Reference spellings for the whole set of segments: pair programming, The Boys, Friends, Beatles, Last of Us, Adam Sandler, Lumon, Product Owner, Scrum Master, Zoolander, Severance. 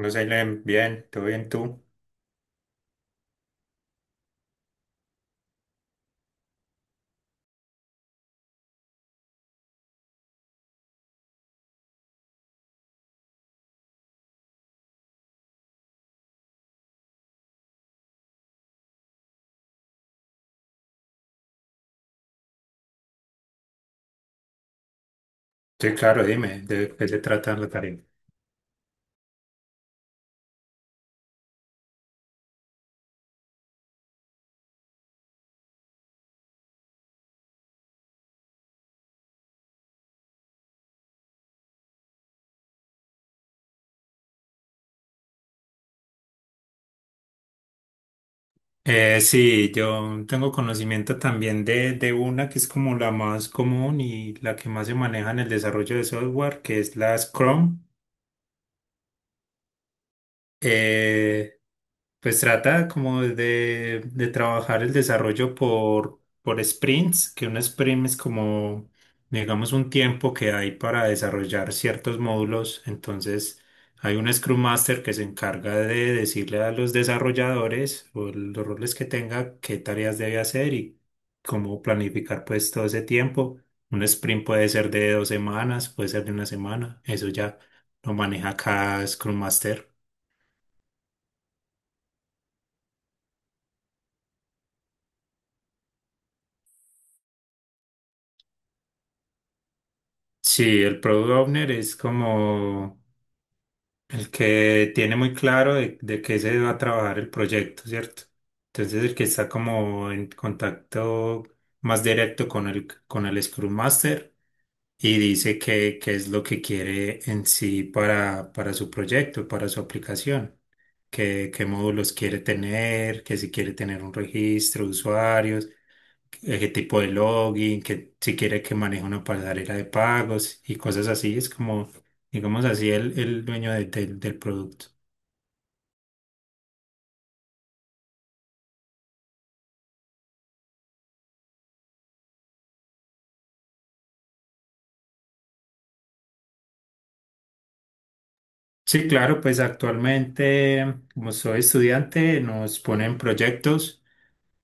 No sé, Len, bien, todo bien tú. Sí, claro, dime, ¿de qué se trata la tarea? Sí, yo tengo conocimiento también de una que es como la más común y la que más se maneja en el desarrollo de software, que es la Scrum. Eh, pues trata como de trabajar el desarrollo por sprints, que un sprint es como, digamos, un tiempo que hay para desarrollar ciertos módulos. Entonces, hay un Scrum Master que se encarga de decirle a los desarrolladores o los roles que tenga qué tareas debe hacer y cómo planificar pues todo ese tiempo. Un sprint puede ser de dos semanas, puede ser de una semana. Eso ya lo maneja cada Scrum Master. Sí, el Product Owner es como el que tiene muy claro de qué se va a trabajar el proyecto, ¿cierto? Entonces el que está como en contacto más directo con con el Scrum Master y dice qué es lo que quiere en sí para su proyecto, para su aplicación, qué módulos quiere tener, que si quiere tener un registro de usuarios, qué tipo de login, que si quiere que maneje una pasarela de pagos y cosas así. Es como, digamos así, el dueño del del producto. Sí, claro, pues actualmente, como soy estudiante, nos ponen proyectos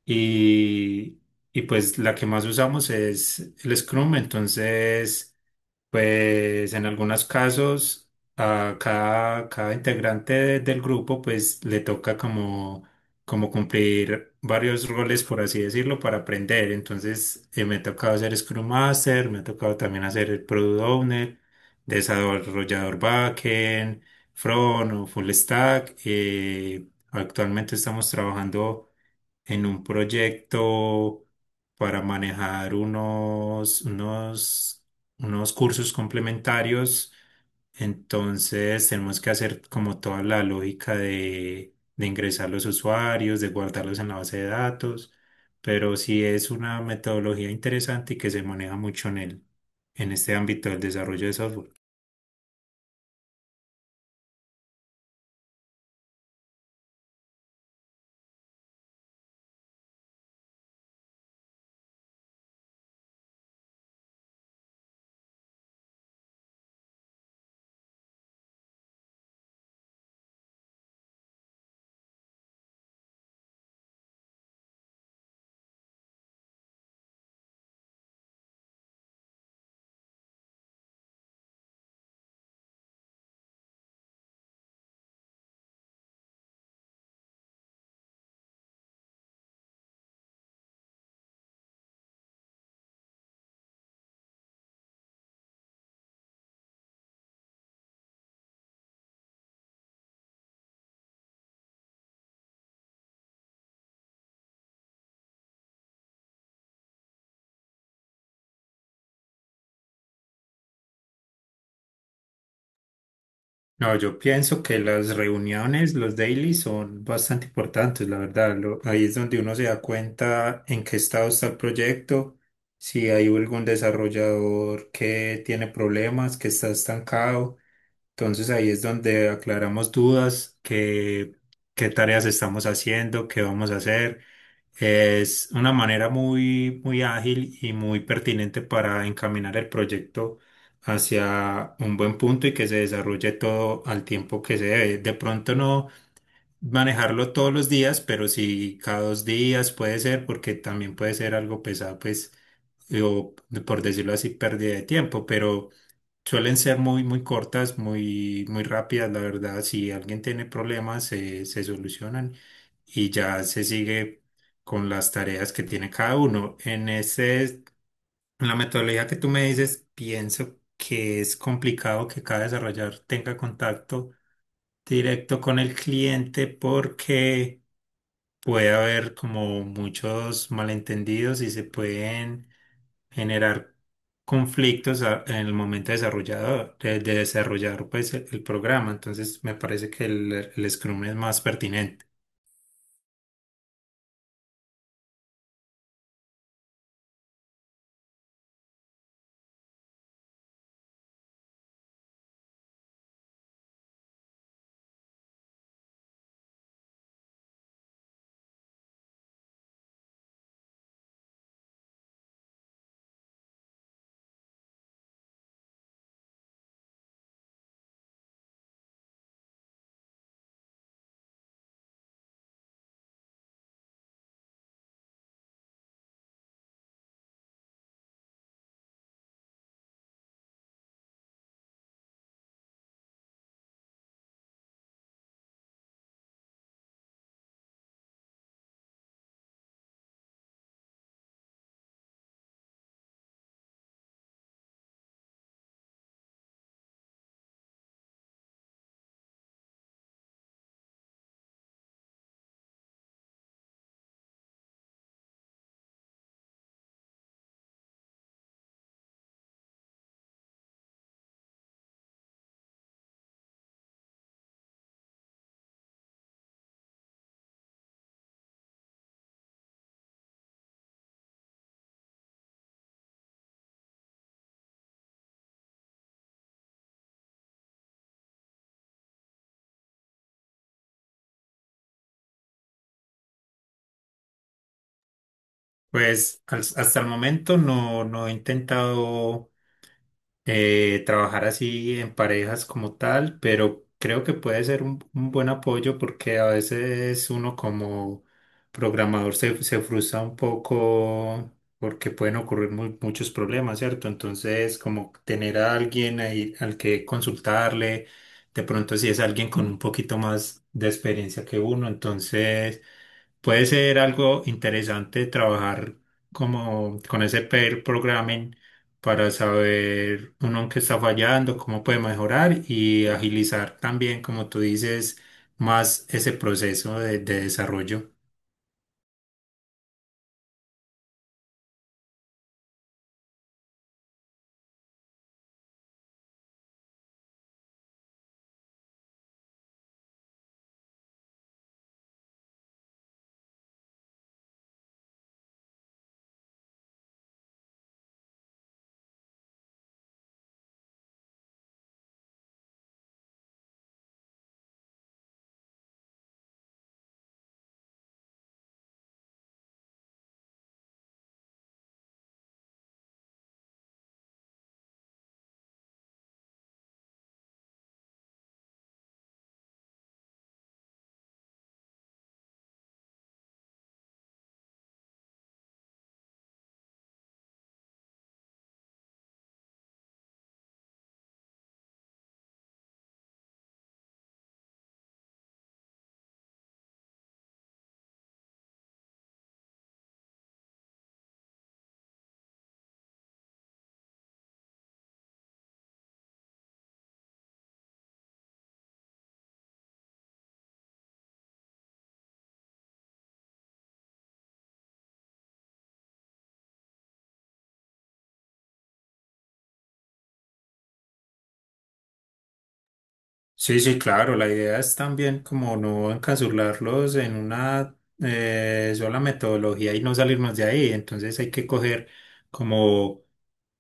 y, y pues la que más usamos es el Scrum. Entonces, pues en algunos casos a cada integrante del grupo pues le toca como, como cumplir varios roles, por así decirlo, para aprender. Entonces, me ha tocado hacer Scrum Master, me ha tocado también hacer el Product Owner, desarrollador backend, front o full stack. Actualmente estamos trabajando en un proyecto para manejar unos cursos complementarios. Entonces tenemos que hacer como toda la lógica de ingresar los usuarios, de guardarlos en la base de datos, pero sí es una metodología interesante y que se maneja mucho en en este ámbito del desarrollo de software. No, yo pienso que las reuniones, los dailies son bastante importantes, la verdad. Ahí es donde uno se da cuenta en qué estado está el proyecto, si hay algún desarrollador que tiene problemas, que está estancado. Entonces ahí es donde aclaramos dudas, qué tareas estamos haciendo, qué vamos a hacer. Es una manera muy, muy ágil y muy pertinente para encaminar el proyecto hacia un buen punto y que se desarrolle todo al tiempo que se debe. De pronto no manejarlo todos los días, pero sí cada dos días puede ser, porque también puede ser algo pesado, pues, o por decirlo así, pérdida de tiempo, pero... Suelen ser muy, muy cortas, muy, muy rápidas, la verdad. Si alguien tiene problemas, se solucionan y ya se sigue con las tareas que tiene cada uno. En la metodología que tú me dices, pienso que es complicado que cada desarrollador tenga contacto directo con el cliente porque puede haber como muchos malentendidos y se pueden generar conflictos en el momento desarrollador, de desarrollar pues el programa. Entonces me parece que el Scrum es más pertinente. Hasta el momento no he intentado trabajar así en parejas como tal, pero creo que puede ser un buen apoyo porque a veces uno como programador se frustra un poco porque pueden ocurrir muchos problemas, ¿cierto? Entonces, como tener a alguien ahí al que consultarle, de pronto si es alguien con un poquito más de experiencia que uno, entonces... Puede ser algo interesante trabajar como con ese pair programming para saber uno en qué está fallando, cómo puede mejorar y agilizar también, como tú dices, más ese proceso de desarrollo. Sí, sí, claro, la idea es también como no encasurlarlos en una sola metodología y no salirnos de ahí. Entonces hay que coger como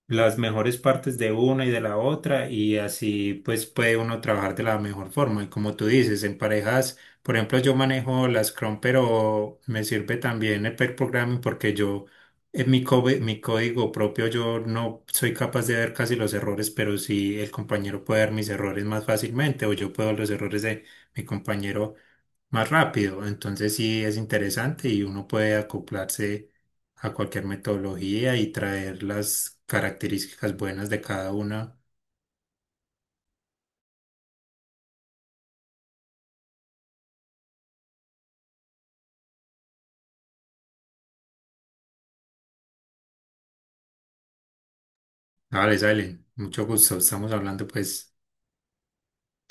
las mejores partes de una y de la otra y así pues puede uno trabajar de la mejor forma. Y como tú dices, en parejas, por ejemplo, yo manejo la Scrum, pero me sirve también el pair programming porque yo en mi código propio yo no soy capaz de ver casi los errores, pero sí el compañero puede ver mis errores más fácilmente o yo puedo ver los errores de mi compañero más rápido. Entonces sí es interesante y uno puede acoplarse a cualquier metodología y traer las características buenas de cada una. Vale, salen. Mucho gusto. Estamos hablando pues.